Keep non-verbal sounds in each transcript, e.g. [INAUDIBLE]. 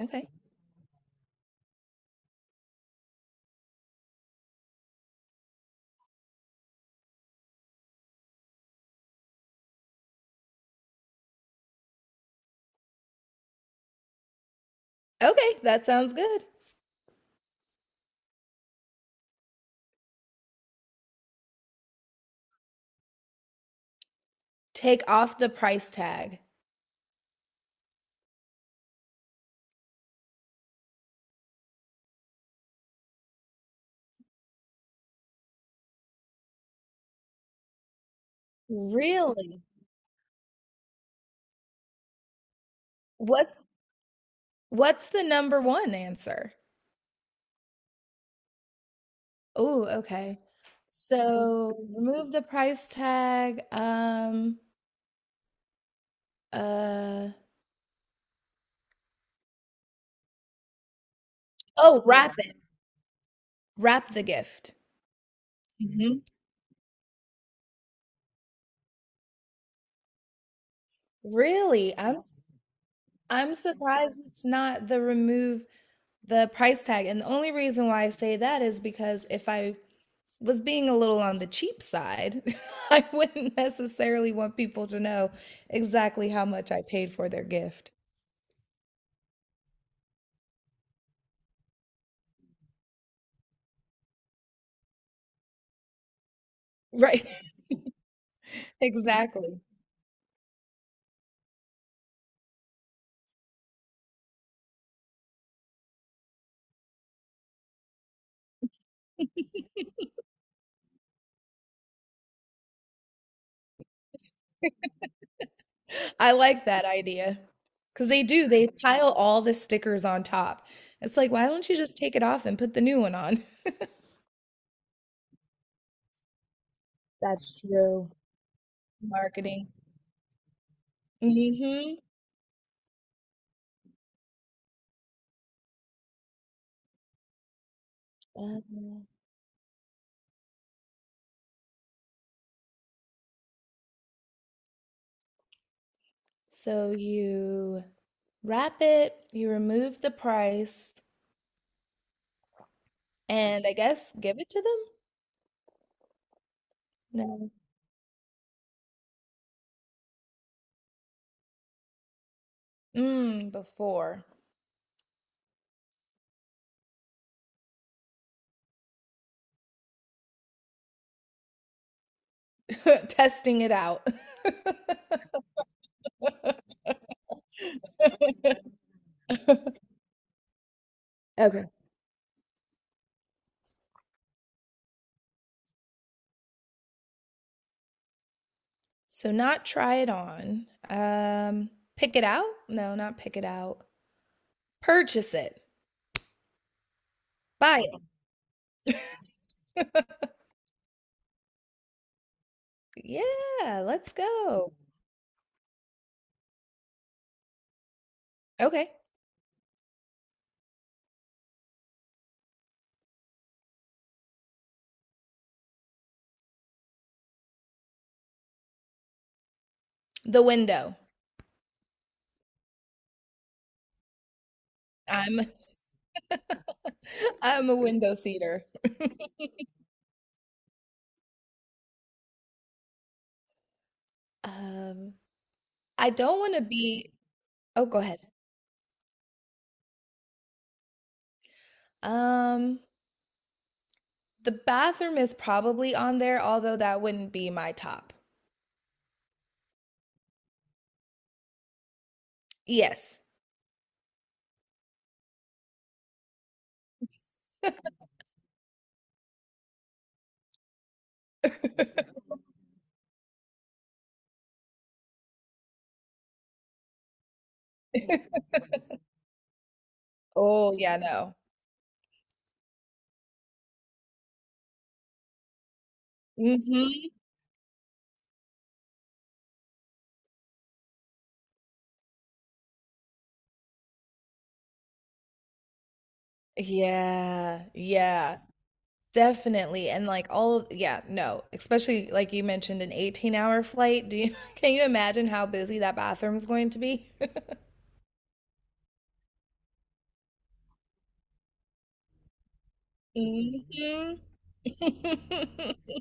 Okay. Okay, that sounds good. Take off the price tag. Really? What what's the number one answer? Oh, okay. So remove the price tag. Uh oh, wrap it. Wrap the gift. Hmm. Really? I'm surprised it's not the remove the price tag. And the only reason why I say that is because if I was being a little on the cheap side. [LAUGHS] I wouldn't necessarily want people to know exactly how much I paid for their gift. Right. [LAUGHS] Exactly. I like that idea. Because they do, they pile all the stickers on top. It's like, why don't you just take it off and put the new one on? [LAUGHS] That's true. Marketing. Hmm. So you wrap it, you remove the price, and I guess give it to them? No. Before. [LAUGHS] Testing it out. [LAUGHS] Okay. So not try it on. Pick it out? No, not pick it out. Purchase it. Buy it. Yeah, let's go. Okay. The window. I'm [LAUGHS] I'm a window seater. [LAUGHS] um I don't want to be. Oh, go ahead. Um the bathroom is probably on there, although that wouldn't be my top. Yes. [LAUGHS] Oh, yeah, no. Hmm. Yeah, yeah, definitely. And like all of, yeah, no, especially like you mentioned an 18-hour flight. Do you [LAUGHS] can you imagine how busy that bathroom's going to be? [LAUGHS] Hmm. [LAUGHS]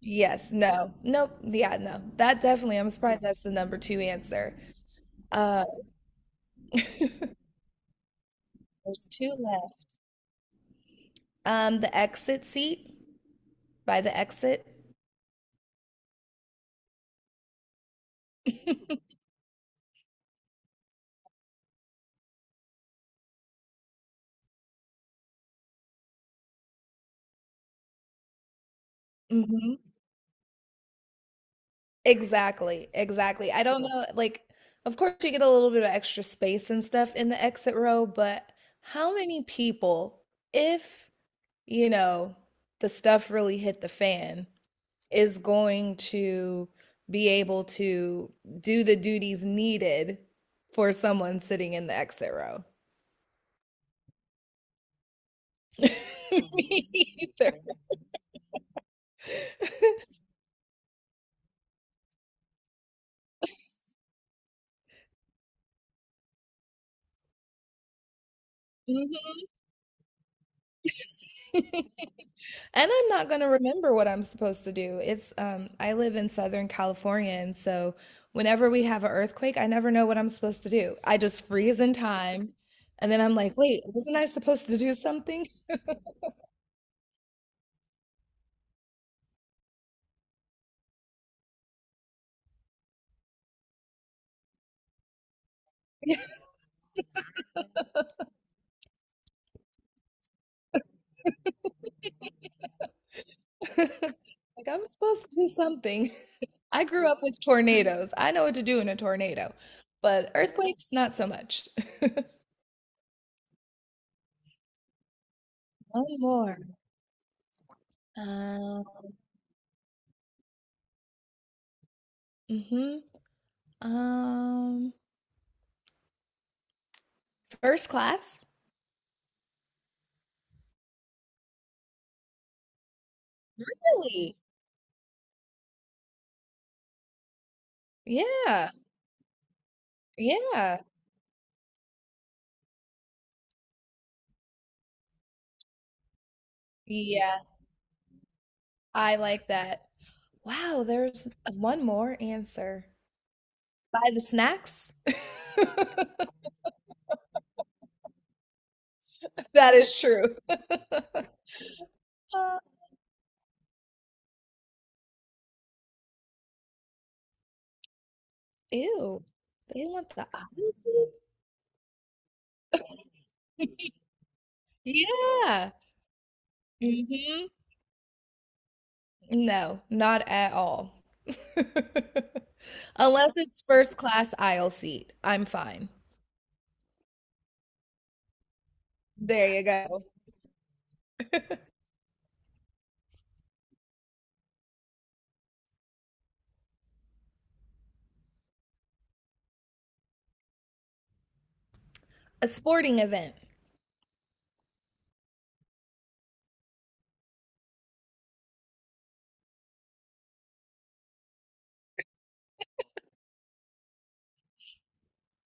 Yes, no. Nope. Yeah, no. That definitely, I'm surprised that's the number two answer. Uh [LAUGHS] there's two left. The exit seat by the exit. [LAUGHS] Mhm. Exactly, exactly. I don't, yeah, know, like, of course you get a little bit of extra space and stuff in the exit row, but how many people, if, you know, the stuff really hit the fan, is going to be able to do the duties needed for someone sitting in the exit row? [LAUGHS] Me either. Mhm. [LAUGHS] And I'm not going to remember what I'm supposed to do. It's I live in Southern California, and so whenever we have an earthquake, I never know what I'm supposed to do. I just freeze in time and then I'm like, "Wait, wasn't I supposed to do something?" [LAUGHS] Like I'm supposed to do something. I grew up with tornadoes. I know what to do in a tornado. But earthquakes, not so much. [LAUGHS] One more. Um, mhm. Um, First class? Really? Yeah. Yeah. Yeah. I like that. Wow, there's one more answer. Buy the snacks? [LAUGHS] That is true. [LAUGHS] Uh, Ew, they want the honesty? [LAUGHS] Yeah. Hmm. No, not at all. [LAUGHS] Unless it's first class aisle seat, I'm fine. There you go. A sporting event.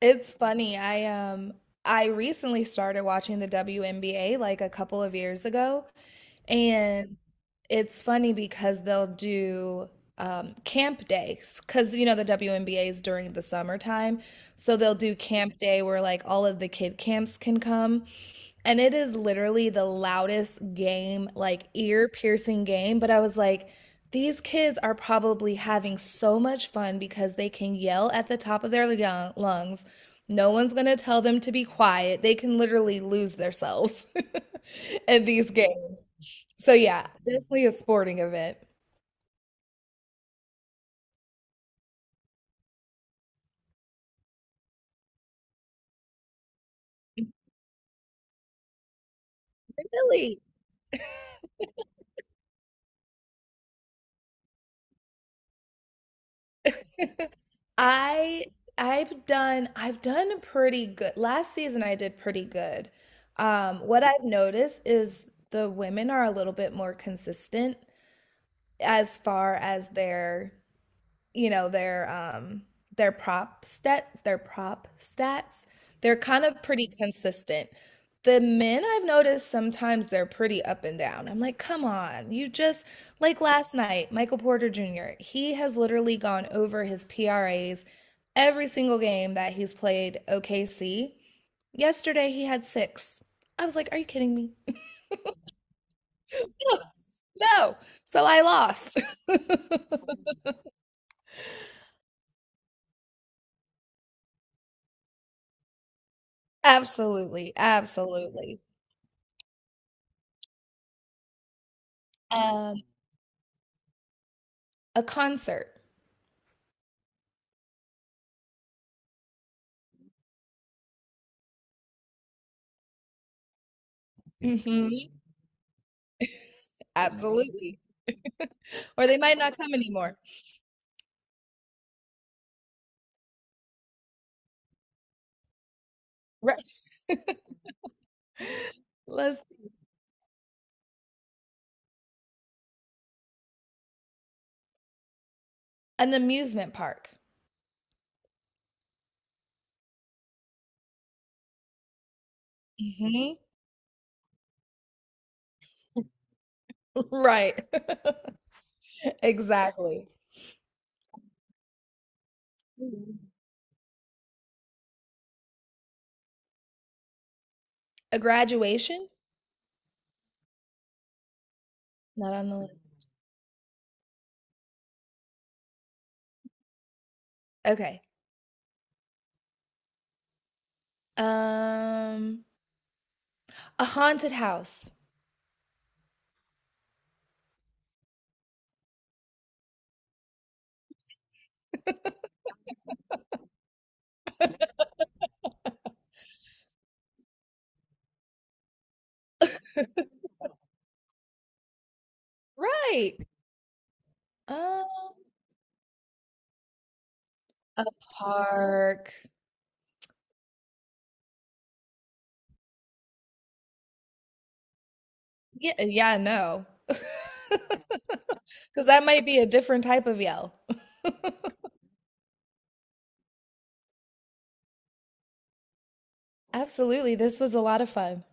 It's funny. Um I recently started watching the WNBA like a couple of years ago. And it's funny because they'll do camp days because the WNBA is during the summertime, so they'll do camp day where like all of the kid camps can come, and it is literally the loudest game, like ear-piercing game. But I was like, these kids are probably having so much fun because they can yell at the top of their lungs. No one's gonna tell them to be quiet. They can literally lose themselves [LAUGHS] in these games. So yeah, definitely a sporting event. Really, I I've done pretty good. Last season I did pretty good. What I've noticed is the women are a little bit more consistent as far as you know their um their prop stats. They're kind of pretty consistent. The men, I've noticed, sometimes they're pretty up and down. I'm like, come on, you just, like last night, Michael Porter Jr. he has literally gone over his pras every single game that he's played. OKC yesterday he had six. I was like, are you kidding me? [LAUGHS] No, no. So I lost. [LAUGHS] Absolutely, absolutely. um A concert. Mhm, absolutely. Or they might not come anymore. Right. [LAUGHS] Let's An amusement park. Mhm. [LAUGHS] Right. [LAUGHS] Exactly. A graduation? Not on the list. Okay. Um, a haunted house. Right. Um, a park. Yeah, yeah, no. [LAUGHS] Because that might be a different type of yell. Absolutely. This was a lot of fun.